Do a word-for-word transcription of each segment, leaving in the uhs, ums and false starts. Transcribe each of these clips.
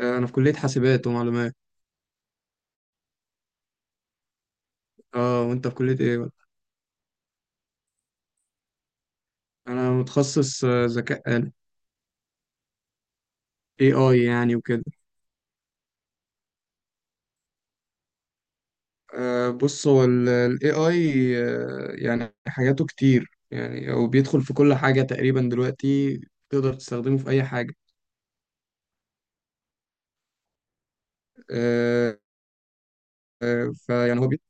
آه، انا في كلية حاسبات ومعلومات. اه، وانت في كلية ايه بقى؟ انا متخصص آه، ذكاء اي اي يعني وكده. آه، بص، هو الاي اي يعني حاجاته كتير، يعني هو بيدخل في كل حاجة تقريبا دلوقتي، تقدر تستخدمه في اي حاجة. آه. آه، فيعني هو بي...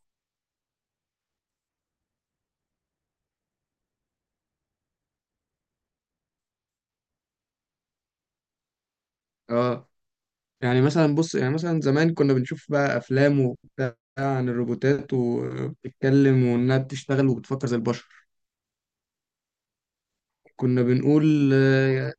اه، يعني مثلا، بص، يعني مثلا زمان كنا بنشوف بقى افلام وبتاع عن الروبوتات وبتتكلم وانها بتشتغل وبتفكر زي البشر، كنا بنقول اه.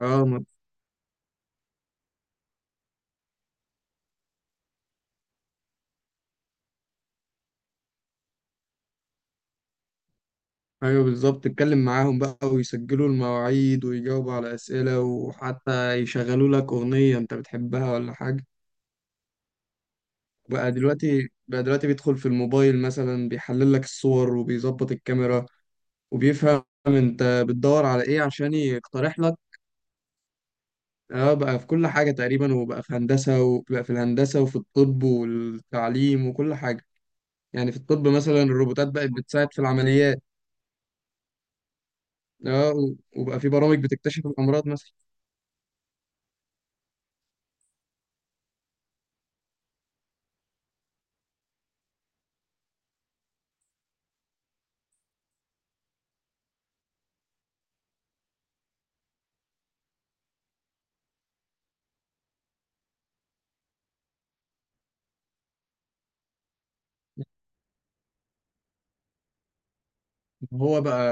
آه، ايوه بالظبط، اتكلم معاهم بقى ويسجلوا المواعيد ويجاوبوا على اسئله، وحتى يشغلوا لك اغنيه انت بتحبها ولا حاجه. بقى دلوقتي بقى دلوقتي بيدخل في الموبايل مثلا، بيحلل لك الصور وبيظبط الكاميرا، وبيفهم انت بتدور على ايه عشان يقترح لك. اه، بقى في كل حاجه تقريبا، وبقى في هندسه، وبقى في الهندسه وفي الطب والتعليم وكل حاجه. يعني في الطب مثلا الروبوتات بقت بتساعد في العمليات. اه و- وبقى في برامج بتكتشف الامراض مثلا. هو بقى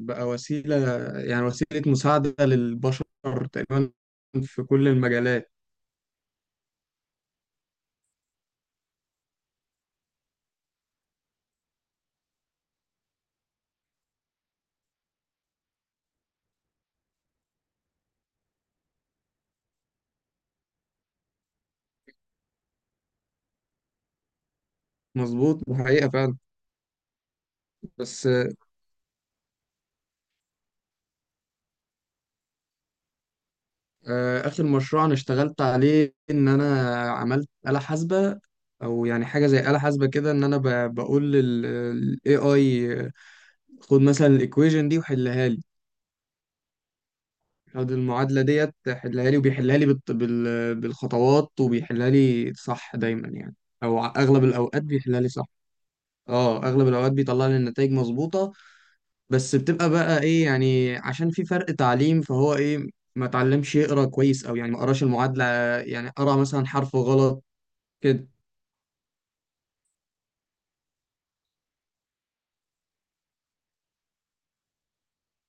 بقى وسيلة، يعني وسيلة مساعدة للبشر تقريبا في كل المجالات. مظبوط وحقيقة فعلا. بس آه، آخر مشروع أنا اشتغلت عليه إن أنا عملت آلة حاسبة، أو يعني حاجة زي آلة حاسبة كده، إن أنا ب- بقول لل لل اي اي: خد مثلا الإيكويجن دي وحلها لي، خد المعادلة ديت حلها لي. وبيحلها لي بالط- بال- بالخطوات، وبيحلها لي صح دايما يعني، أو أغلب الأوقات بيحلها لي صح. اه اغلب الاوقات بيطلع لي النتائج مظبوطه، بس بتبقى بقى ايه، يعني عشان في فرق تعليم، فهو ايه، ما اتعلمش يقرا كويس، او يعني ما قراش المعادله، يعني قرا مثلا حرف غلط كده.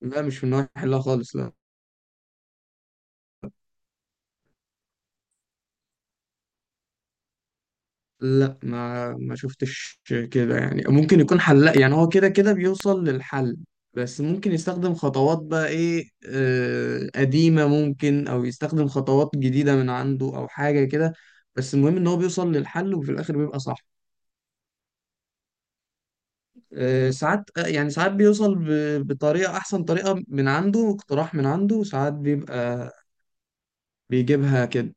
لا، مش في النوع يحلها خالص، لا. لا، ما ما شفتش كده، يعني ممكن يكون حلاق، يعني هو كده كده بيوصل للحل، بس ممكن يستخدم خطوات بقى ايه آه قديمه ممكن، او يستخدم خطوات جديده من عنده او حاجه كده. بس المهم ان هو بيوصل للحل وفي الاخر بيبقى صح. آه، ساعات، آه، يعني ساعات بيوصل ب- بطريقة أحسن، طريقة من عنده، اقتراح من عنده، وساعات بيبقى بيجيبها كده.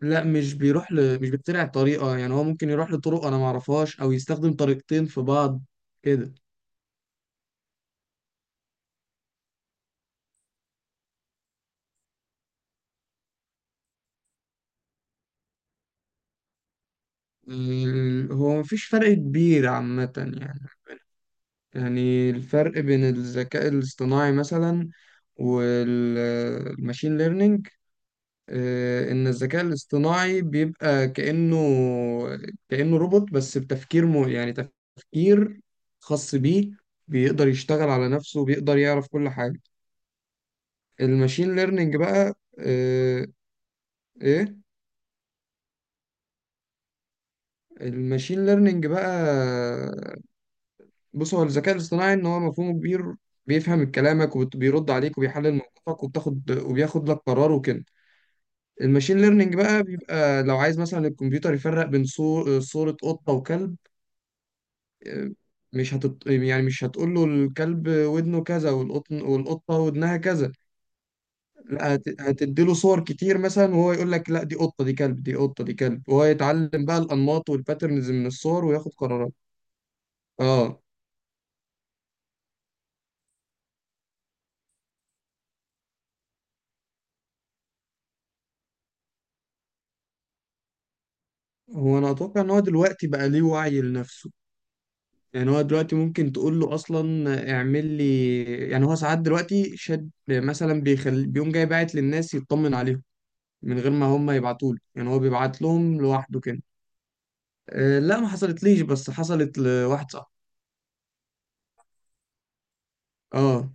لا مش بيروح ل... مش بيخترع الطريقة، يعني هو ممكن يروح لطرق أنا معرفهاش، أو يستخدم طريقتين في بعض كده. ال- هو مفيش فرق كبير عامة يعني. يعني الفرق بين الذكاء الاصطناعي مثلا والماشين ليرنينج، آه، ان الذكاء الاصطناعي بيبقى كأنه كأنه روبوت بس بتفكير م... يعني تفكير خاص بيه، بيقدر يشتغل على نفسه، بيقدر يعرف كل حاجة. الماشين ليرنينج بقى، آه، ايه، الماشين ليرنينج بقى، بص هو الذكاء الاصطناعي ان هو مفهومه كبير، بيفهم كلامك وبيرد عليك وبيحلل موقفك وبتاخد وبياخد لك قرار وكده. الماشين ليرنينج بقى بيبقى لو عايز مثلا الكمبيوتر يفرق بين صو- صورة قطة وكلب، مش هتط... يعني مش هتقول له الكلب ودنه كذا والقطن والقطة ودنها كذا، لا هت... هتديله صور كتير مثلا، وهو يقول لك لا دي قطة دي كلب دي قطة دي كلب، وهو يتعلم بقى الأنماط والباترنز من الصور وياخد قرارات. اه، هو انا اتوقع ان هو دلوقتي بقى ليه وعي لنفسه. يعني هو دلوقتي ممكن تقول له اصلا اعمل لي، يعني هو ساعات دلوقتي شاد مثلا، بيخل... بيقوم جاي باعت للناس يطمن عليهم من غير ما هم يبعتوا له، يعني هو بيبعت لهم لوحده كده. آه، لا ما حصلتليش، بس حصلت لواحد صاحبي. اه.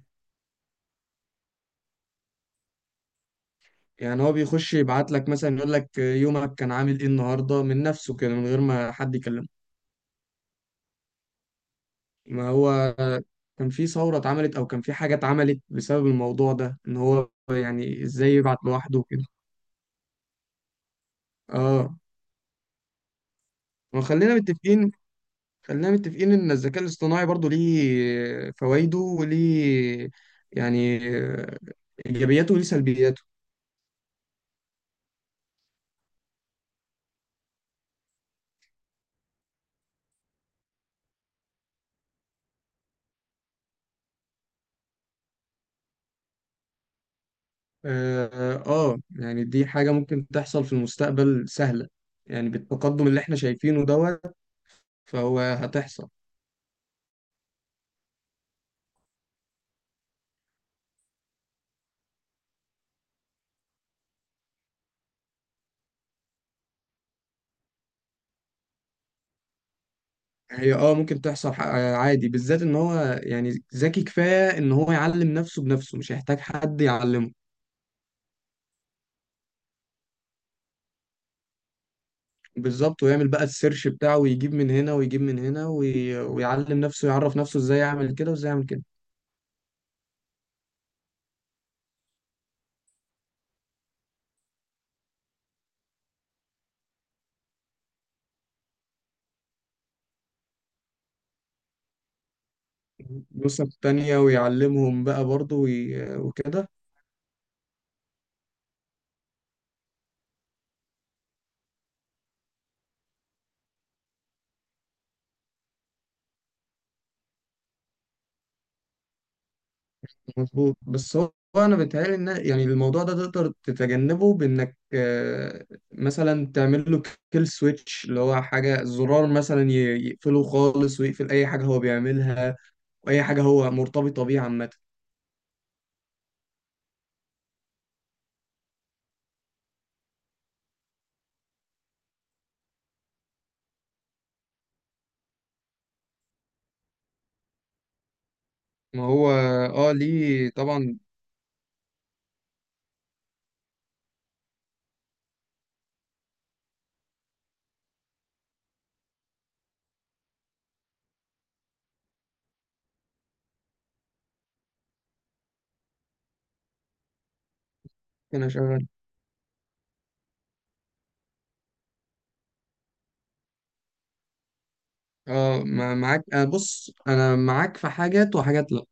يعني هو بيخش يبعت لك مثلا يقول لك يومك كان عامل ايه النهارده، من نفسه كده من غير ما حد يكلمه. ما هو كان في ثوره اتعملت، او كان في حاجه اتعملت بسبب الموضوع ده، ان هو يعني ازاي يبعت لوحده كده. اه. وخلينا متفقين، خلينا متفقين ان الذكاء الاصطناعي برضو ليه فوائده وليه، يعني ايجابياته وليه سلبياته. آه آه، يعني دي حاجة ممكن تحصل في المستقبل سهلة، يعني بالتقدم اللي احنا شايفينه دوت فهو هتحصل. هي اه ممكن تحصل ح- آه، عادي، بالذات ان هو يعني ذكي كفاية ان هو يعلم نفسه بنفسه، مش هيحتاج حد يعلمه. بالظبط، ويعمل بقى السيرش بتاعه، ويجيب من هنا ويجيب من هنا، وي... ويعلم نفسه، يعرف نسخ نفسه ازاي، يعمل كده وازاي يعمل كده، نسخ تانية ويعلمهم بقى برضه وي... وكده. مظبوط بس هو، هو انا بيتهيألي ان يعني الموضوع ده تقدر تتجنبه بانك آه، مثلا تعمل له كيل سويتش، اللي هو حاجه زرار مثلا ي- يقفله خالص، ويقفل اي حاجه هو بيعملها واي حاجه هو مرتبطه بيه عامه. ما هو اه ليه طبعا. انا شغال. اه، ما- معاك، آه، بص انا معاك في حاجات، وحاجات لا.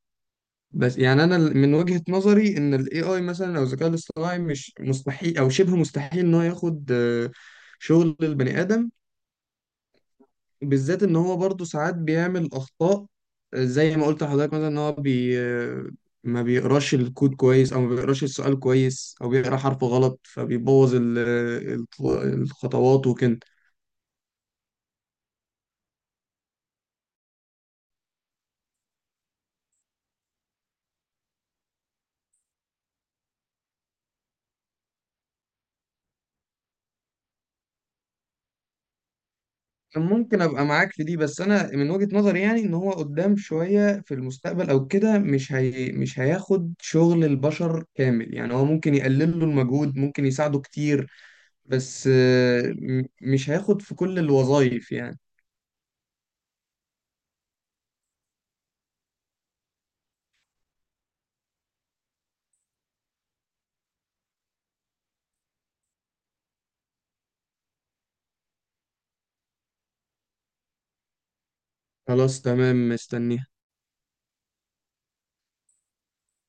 بس يعني انا ال- من وجهة نظري ان الاي اي مثلا، او الذكاء الاصطناعي، مش مستحيل او شبه مستحيل ان هو ياخد آه، شغل البني ادم، بالذات ان هو برضه ساعات بيعمل اخطاء، زي ما قلت لحضرتك، مثلا ان هو بي ما بيقراش الكود كويس، او ما بيقراش السؤال كويس، او بيقرا حرف غلط، فبيبوظ ال- الخ- الخطوات وكده. ممكن ابقى معاك في دي، بس انا من وجهة نظري يعني ان هو قدام شوية في المستقبل او كده، مش هي مش هياخد شغل البشر كامل، يعني هو ممكن يقلل له المجهود، ممكن يساعده كتير، بس آه، م- مش هياخد في كل الوظائف يعني. خلاص تمام، مستني.